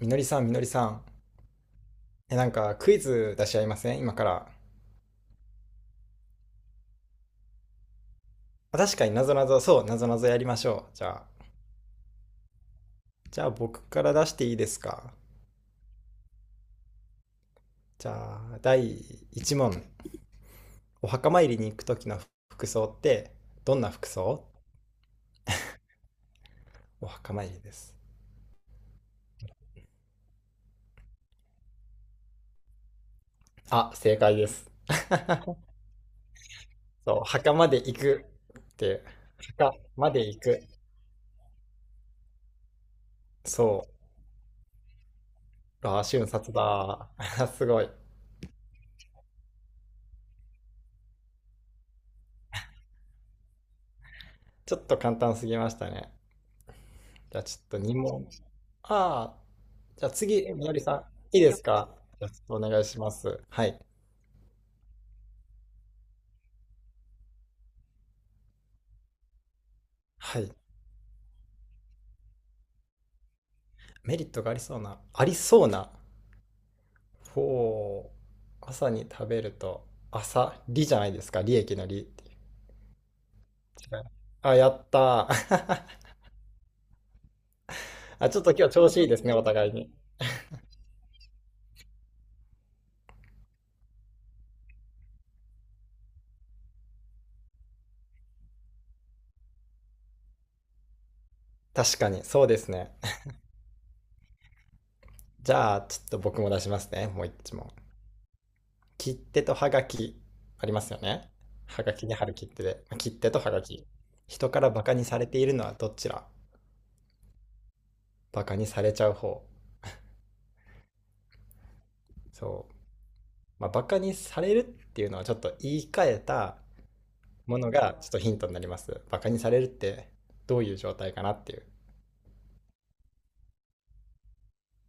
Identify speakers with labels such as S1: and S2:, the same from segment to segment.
S1: みのりさん、みのりさん。なんかクイズ出し合いません今から？確かになぞなぞ、そう、なぞなぞやりましょう。じゃあ僕から出していいですか？じゃあ、第1問。お墓参りに行く時の服装って、どんな服装？お墓参りです。あ、正解です。そう、墓まで行くって、墓まで行く。そう。あー、瞬殺だ。すごい。ちょっと簡単すぎましたね。じゃあちょっと2問。ああ、じゃあ次、みのりさん、いいですか？じゃあちょっとお願いします。はい。はい。メリットがありそうな、ありそうな。ほう。朝に食べると、朝、利じゃないですか。利益の利っていう。違う？あ、やったー。あ、ちょっと今日調子いいですね、お互いに。確かに、そうですね。じゃあ、ちょっと僕も出しますね。もう一問。切手とはがき、ありますよね。はがきに貼る切手で。切手とはがき。人からバカにされているのはどちら？バカにされちゃう方。そう、まあ、バカにされるっていうのはちょっと言い換えたものがちょっとヒントになります。バカにされるってどういう状態かなっていう。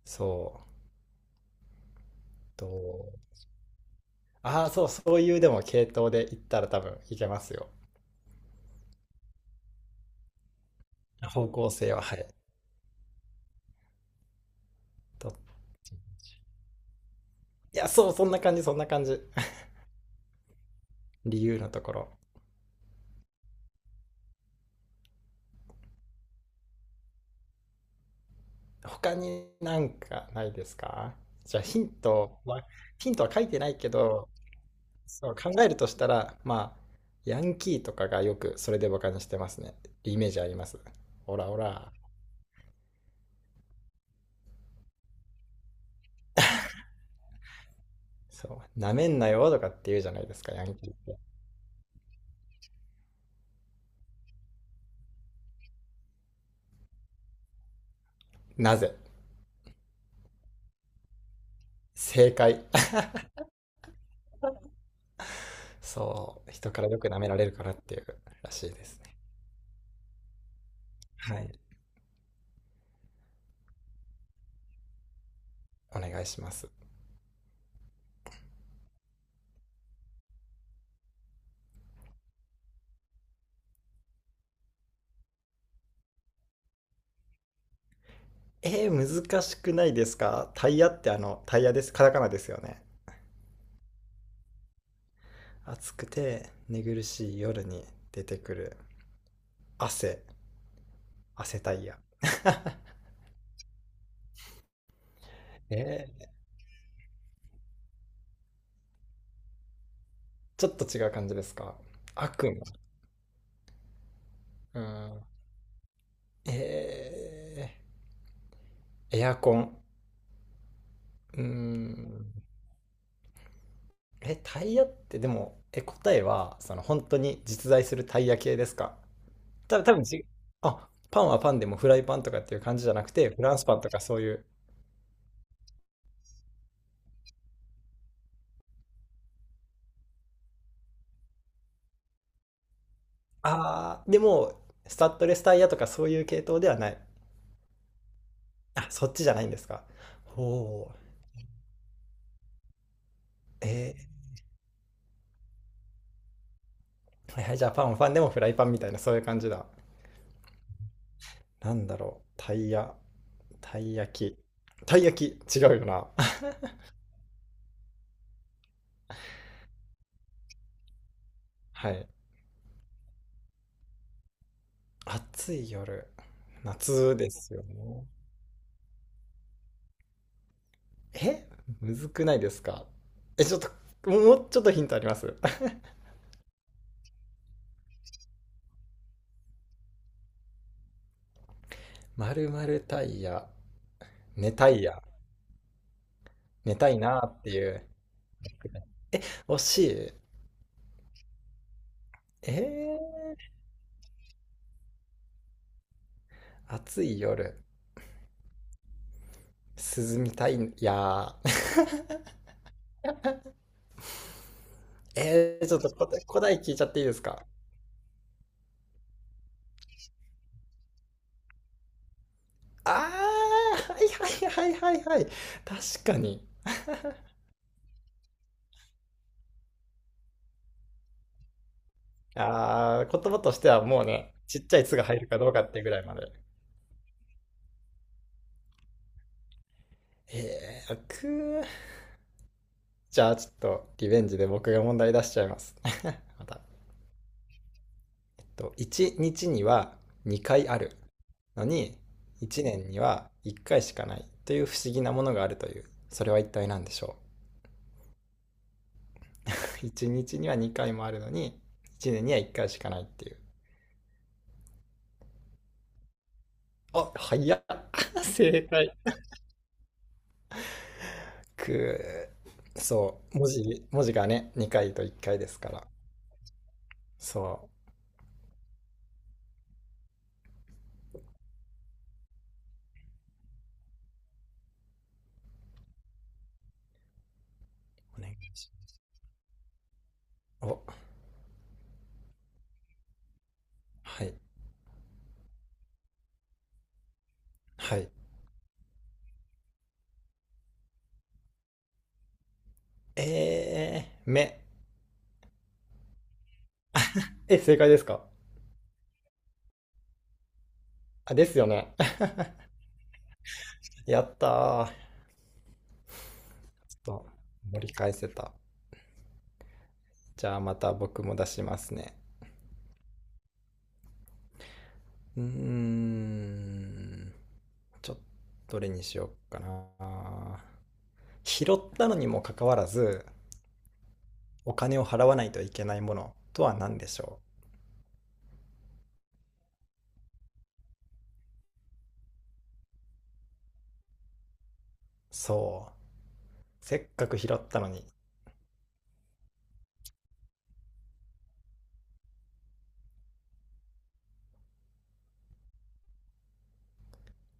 S1: そうと、ああ、そう、そういうでも系統で言ったら多分いけますよ。方向性は？はい。と。いや、そう、そんな感じそんな感じ。 理由のところ。他になんかないですか？じゃあヒントは書いてないけど。そう考えるとしたら、まあ、ヤンキーとかがよくそれでバカにしてますね。イメージあります。オラオラ。そう、なめんなよとかって言うじゃないですか、ヤンキーって。なぜ？正解。そう、人からよく舐められるからっていうらしいですね。はい、お願いします。難しくないですか？タイヤってタイヤです。カタカナですよね。暑くて寝苦しい夜に出てくる汗。汗タイヤ。えーちょっと違う感じですか？悪夢。うん。えエアコン。うん。タイヤってでも、答えは、本当に実在するタイヤ系ですか？た多分じ、あ、パンはパンでもフライパンとかっていう感じじゃなくて、フランスパンとかそういう。あー、でも、スタッドレスタイヤとかそういう系統ではない。あ、そっちじゃないんですか。ほう。えはいはい、じゃあパンはパンでもフライパンみたいな、そういう感じだ。なんだろう、タイヤ。たい焼き。たい焼き、違うよな。はい。暑い夜。夏ですよね。えむずくないですか？ちょっと、もうちょっとヒントあります。まるまるタイヤ。寝たいや。寝たいなーっていう。惜しい。えー、暑い夜。涼みたいやー。ちょっと答え聞いちゃっていいですか？あー、はいはいはいはいはい。確かに。ああ、言葉としてはもうね、ちっちゃい「つ」が入るかどうかっていうぐらいまで。えー、くじゃあちょっとリベンジで僕が問題出しちゃいます。また。と、1日にちには2回あるのに、1年には1回しかないという不思議なものがあるという。それは一体何でしょう？ 1 日には2回もあるのに、1年には1回しかないっていう。あ、早っ。 正解。くー、そう、文字がね、2回と1回ですから。そう。お願いしますはい。はい。目。え、正解ですか？あ、ですよね。やったー。ちょっと、盛り返せた。じゃあまた僕も出しますね。うーん。ちょっと、どれにしようかな。拾ったのにもかかわらず、お金を払わないといけないものとは何でしょう？そう。せっかく拾ったのに、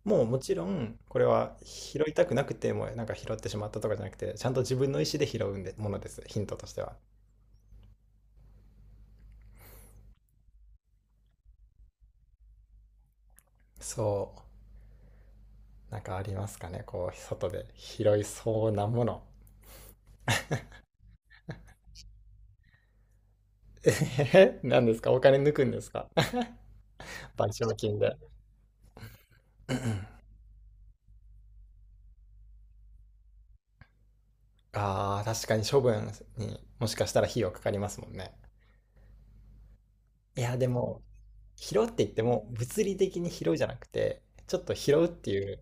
S1: もう、もちろん、これは拾いたくなくても、なんか拾ってしまったとかじゃなくて、ちゃんと自分の意思で拾うんで、ものです。ヒントとしては。そう。なんかありますかねこう、外で拾いそうなもの。えへへ何ですか？お金抜くんですか？ 賠償金で。ああ、確かに処分にもしかしたら費用かかりますもんね。いや、でも、拾うって言っても、物理的に拾うじゃなくて、ちょっと拾うっていう、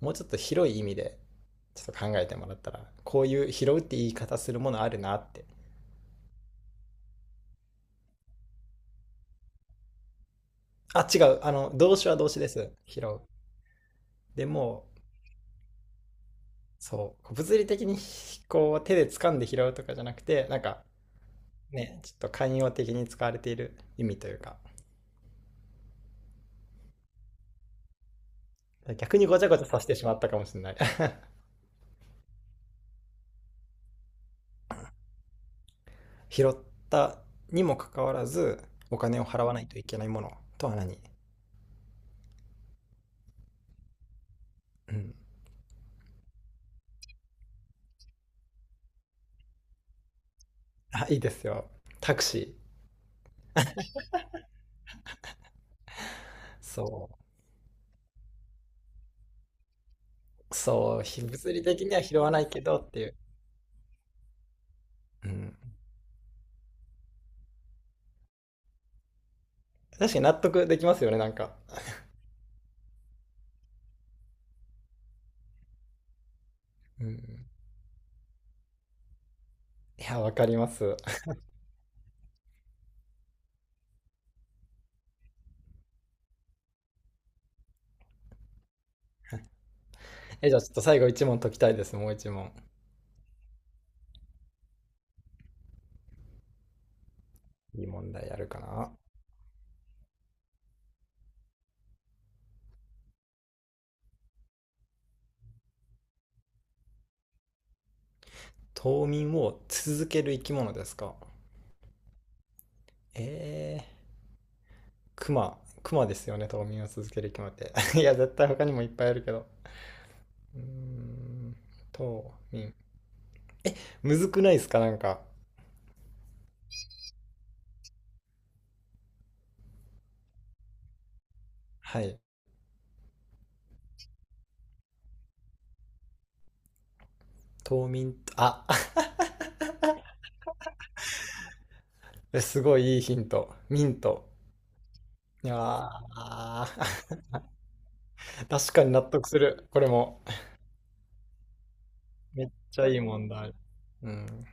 S1: もうちょっと広い意味でちょっと考えてもらったら、こういう拾うって言い方するものあるなって。あ、違う。動詞は動詞です、拾う。でも、そう、物理的にこう手で掴んで拾うとかじゃなくて、なんかね、ちょっと寛容的に使われている意味というか。逆にごちゃごちゃさせてしまったかもしれない。 拾ったにもかかわらずお金を払わないといけないものとは何？うん。あ、いいですよ。タクシー。そうそう、物理的には拾わないけどっていう。うん。確かに納得できますよね、なんか。うん。いや、わかります。え、じゃあちょっと最後一問解きたいです、もう一問。いい問題やるかな。冬眠を続ける生き物ですか？えー、クマ。クマですよね、冬眠を続ける生き物って。いや、絶対他にもいっぱいあるけど。うーん、冬眠。え、むずくないですか、なんか。はい。冬眠と、あ。 すごいいいヒント。ミント。いやー、確かに納得する。これも。めっちゃいい問題。うん。